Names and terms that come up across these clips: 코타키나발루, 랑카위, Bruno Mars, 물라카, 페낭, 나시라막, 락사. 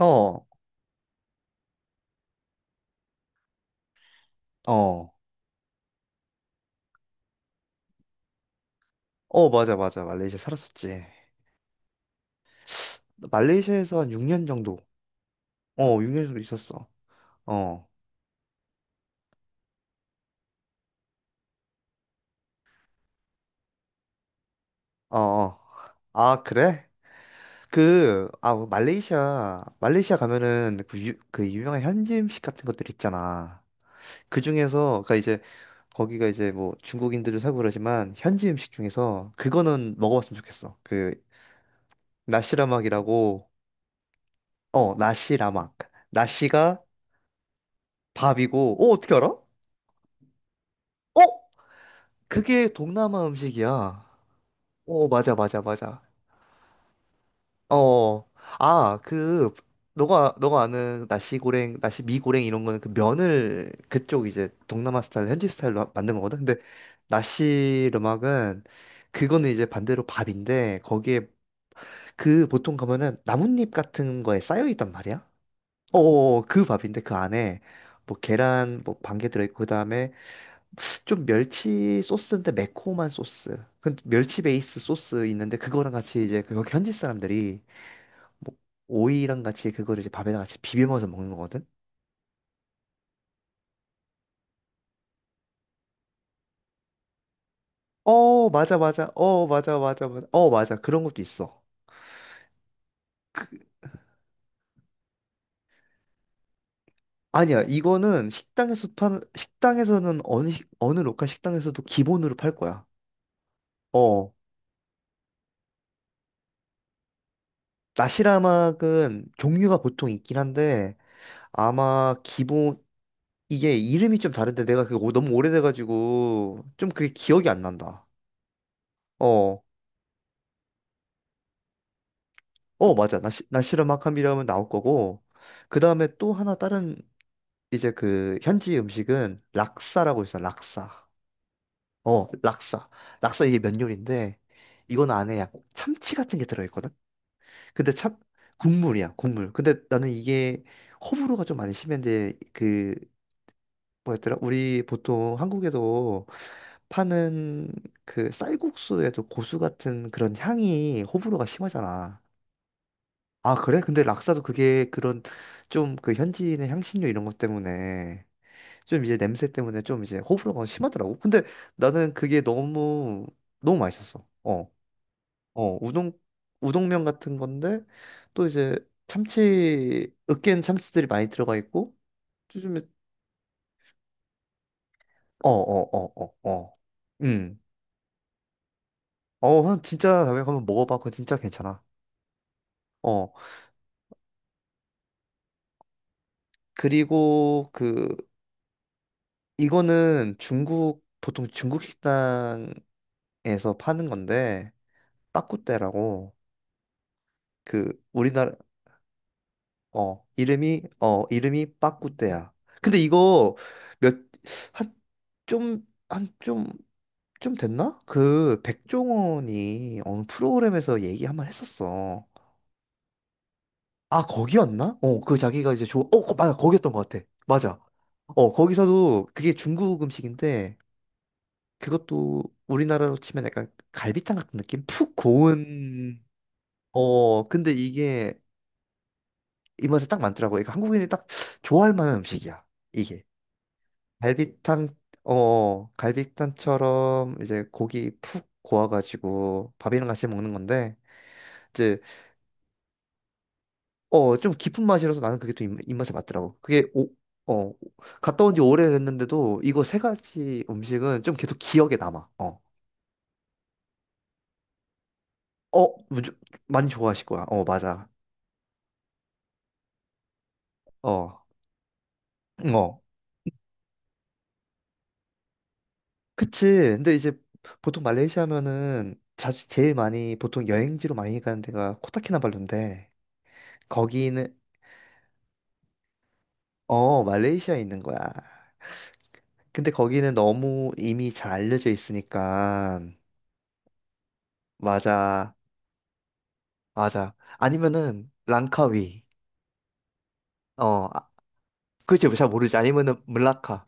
어, 어, 어, 맞아, 맞아. 말레이시아 살았었지. 나 말레이시아에서 한 6년 정도. 어, 6년 정도 있었어. 어, 어, 어. 아, 그래? 그, 아, 뭐 말레이시아 가면은 그, 그 유명한 현지 음식 같은 것들 있잖아. 그 중에서, 그니까 이제, 거기가 이제 뭐 중국인들도 살고 그러지만, 현지 음식 중에서 그거는 먹어봤으면 좋겠어. 그, 나시라막이라고, 어, 나시라막. 나시가 밥이고, 어, 어떻게 알아? 어? 그게 동남아 음식이야. 어, 맞아, 맞아, 맞아. 어, 아, 그, 너가 아는 나시고랭, 나시미고랭 이런 거는 그 면을 그쪽 이제 동남아 스타일, 현지 스타일로 만든 거거든. 근데 나시르막은 그거는 이제 반대로 밥인데 거기에 그 보통 가면은 나뭇잎 같은 거에 쌓여 있단 말이야. 어, 어, 어. 그 밥인데 그 안에 뭐 계란 뭐 반개 들어있고, 그다음에 좀 멸치 소스인데 매콤한 소스. 그 멸치 베이스 소스 있는데 그거랑 같이 이제 그 여기 현지 사람들이 뭐 오이랑 같이 그거를 이제 밥에다 같이 비벼 먹어서 먹는 거거든. 어, 맞아, 맞아, 어, 맞아, 맞아, 맞아, 어, 맞아, 그런 것도 있어. 그, 아니야, 이거는 식당에서 파는, 식당에서는 어느 어느 로컬 식당에서도 기본으로 팔 거야. 어, 나시라막은 종류가 보통 있긴 한데, 아마 기본 이게 이름이 좀 다른데 내가 그게 너무 오래돼가지고 좀 그게 기억이 안 난다. 어, 어, 맞아. 나시르 마캄이라면 나올 거고. 그 다음에 또 하나 다른 이제 그 현지 음식은 락사라고 있어. 락사. 어, 락사. 락사, 이게 면 요리인데 이건 안에 약 참치 같은 게 들어있거든? 근데 국물이야, 국물. 근데 나는 이게 호불호가 좀 많이 심한데, 뭐였더라? 우리 보통 한국에도 파는 그 쌀국수에도 고수 같은 그런 향이 호불호가 심하잖아. 아, 그래? 근데 락사도 그게 그런 좀 그 현지인의 향신료 이런 것 때문에 좀 이제 냄새 때문에 좀 이제 호불호가 심하더라고. 근데 나는 그게 너무 너무 맛있었어. 어, 어, 우동면 같은 건데 또 이제 참치, 으깬 참치들이 많이 들어가 있고 요즘에. 어, 어, 어, 어, 어. 음. 어, 진짜 담백하면 먹어봐. 그거 진짜 괜찮아. 어, 그리고 그, 이거는 중국, 보통 중국 식당에서 파는 건데, 빠꾸떼라고, 그, 우리나라, 어, 이름이 빠꾸떼야. 근데 이거 몇, 한, 좀, 한, 좀, 좀 됐나? 그, 백종원이 어느 프로그램에서 얘기 한번 했었어. 아, 거기였나? 어, 그 자기가 이제 맞아, 거기였던 것 같아. 맞아. 어, 거기서도 그게 중국 음식인데, 그것도 우리나라로 치면 약간 갈비탕 같은 느낌? 푹 고운. 어, 근데 이게 입맛에 딱 맞더라고. 그러니까 한국인이 딱 좋아할 만한 음식이야, 이게. 갈비탕, 갈비탕처럼 이제 고기 푹 고와가지고 밥이랑 같이 먹는 건데, 어, 좀 깊은 맛이라서 나는 그게 또 입맛에 맞더라고. 어, 갔다 온지 오래됐는데도 이거 세 가지 음식은 좀 계속 기억에 남아. 어, 어, 많이 좋아하실 거야. 어, 맞아. 어, 응, 어, 그치. 근데 이제 보통 말레이시아면은 자주 제일 많이 보통 여행지로 많이 가는 데가 코타키나발루인데, 거기는, 어, 말레이시아에 있는 거야. 근데 거기는 너무 이미 잘 알려져 있으니까. 맞아, 맞아. 아니면은 랑카위. 어, 아, 그치, 잘 모르지. 아니면은 물라카.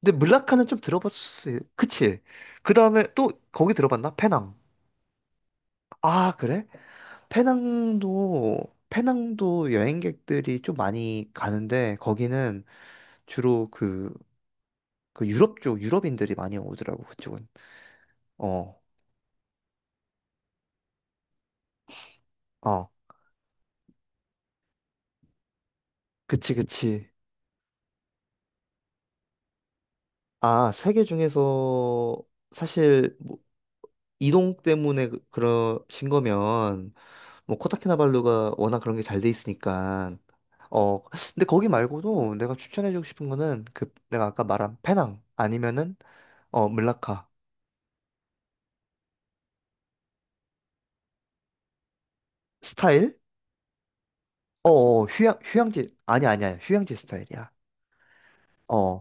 근데 물라카는 좀 들어봤을, 그치. 그 다음에 또 거기 들어봤나? 페낭. 아, 그래? 페낭도, 페낭도 여행객들이 좀 많이 가는데 거기는 주로 그, 유럽 쪽, 유럽인들이 많이 오더라고, 그쪽은. 어, 어, 그치, 그치. 아, 세계 중에서 사실 뭐 이동 때문에 그러신 거면 뭐 코타키나발루가 워낙 그런 게 잘 돼 있으니까. 어, 근데 거기 말고도 내가 추천해주고 싶은 거는 그 내가 아까 말한 페낭 아니면은 어, 물라카. 스타일? 어, 어, 어, 휴양지, 아니, 아니야, 아니야. 휴양지 스타일이야. 어,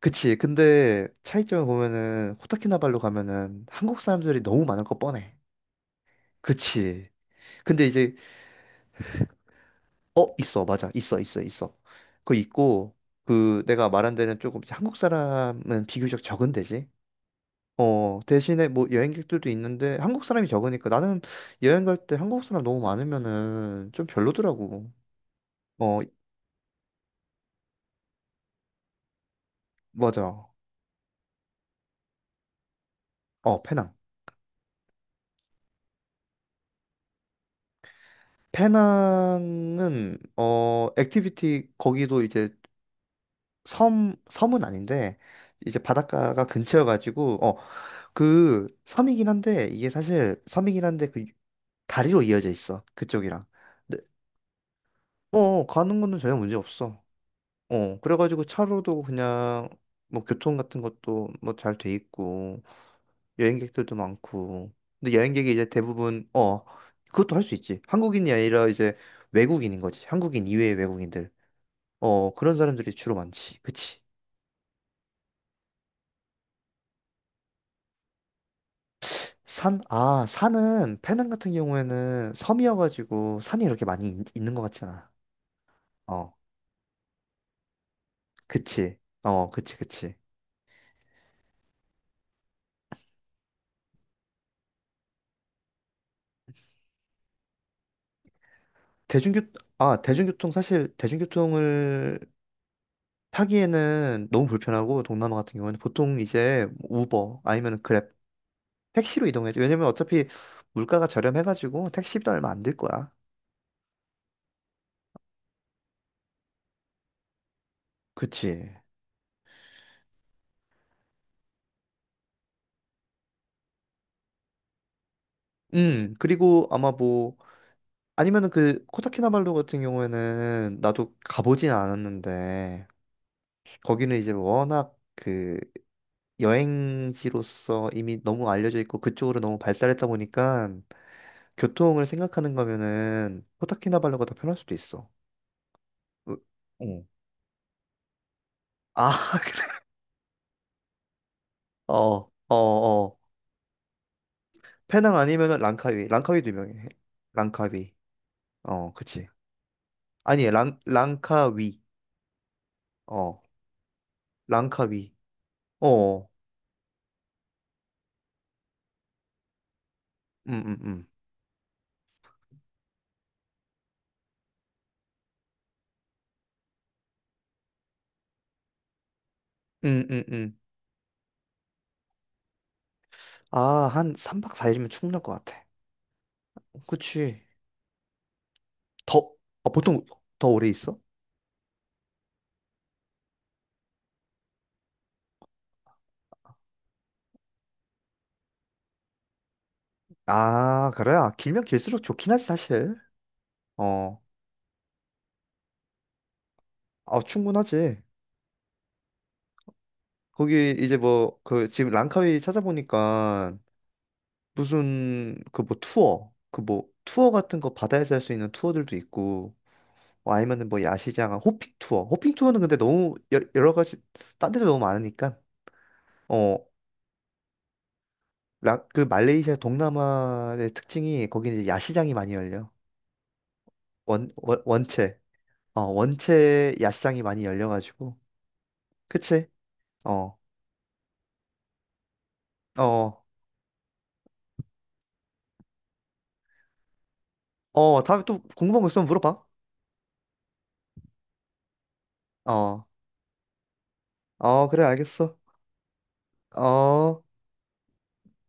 그치. 근데 차이점을 보면은 코타키나발루 가면은 한국 사람들이 너무 많을 거 뻔해. 그치. 근데 이제 어, 있어, 맞아, 있어, 있어, 있어. 그거 있고, 그 내가 말한 데는 조금 이제 한국 사람은 비교적 적은 데지. 어, 대신에 뭐 여행객들도 있는데 한국 사람이 적으니까, 나는 여행 갈 때 한국 사람 너무 많으면은 좀 별로더라고. 어, 맞아. 어, 페낭. 페낭은, 어, 액티비티 거기도 이제 섬 섬은 아닌데 이제 바닷가가 근처여 가지고, 어, 그 섬이긴 한데, 이게 사실 섬이긴 한데 그 다리로 이어져 있어, 그쪽이랑. 근데 어, 어, 가는 거는 전혀 문제 없어. 어, 그래가지고 차로도 그냥 뭐 교통 같은 것도 뭐 잘 돼 있고 여행객들도 많고. 근데 여행객이 이제 대부분 어, 그것도 할 수 있지. 한국인이 아니라 이제 외국인인 거지, 한국인 이외의 외국인들. 어, 그런 사람들이 주로 많지, 그치. 산? 아, 산은 페낭 같은 경우에는 섬이어가지고 산이 이렇게 많이 있는 것 같진 않아. 어, 그치. 어, 그치, 그치. 대중교 아 대중교통 사실 대중교통을 타기에는 너무 불편하고, 동남아 같은 경우는 보통 이제 우버 아니면 그랩, 택시로 이동해야지. 왜냐면 어차피 물가가 저렴해가지고 택시비도 얼마 안 들 거야. 그치. 그리고 아마 뭐, 아니면은 그 코타키나발루 같은 경우에는 나도 가보진 않았는데, 거기는 이제 워낙 그 여행지로서 이미 너무 알려져 있고 그쪽으로 너무 발달했다 보니까 교통을 생각하는 거면은 코타키나발루가 더 편할 수도 있어. 으, 어. 아, 어, 어, 어. 페낭 아니면은 랑카위. 랑카위도 유명해. 랑카위. 어, 그치. 아니, 랑카위. 어, 랑카위. 어. 음, 음, 음. 음, 음, 음. 아, 한 3박 4일이면 충분할 것 같아. 어, 그치. 더, 아, 보통 더 오래 있어? 아, 그래? 아, 길면 길수록 좋긴 하지, 사실. 어, 아, 충분하지. 거기 이제 뭐, 그, 지금 랑카위 찾아보니까 무슨 그 뭐 투어 같은 거, 바다에서 할 수 있는 투어들도 있고, 뭐 아니면은 뭐 야시장 호핑 투어는. 근데 너무 여러 가지 딴 데도 너무 많으니까. 어, 그 말레이시아 동남아의 특징이, 거기는 이제 야시장이 많이 열려. 원, 원 원체 어 원체 야시장이 많이 열려가지고. 그치. 어. 어. 어, 다음에 또 궁금한 거 있으면 물어봐. 어. 어, 그래, 알겠어. 어.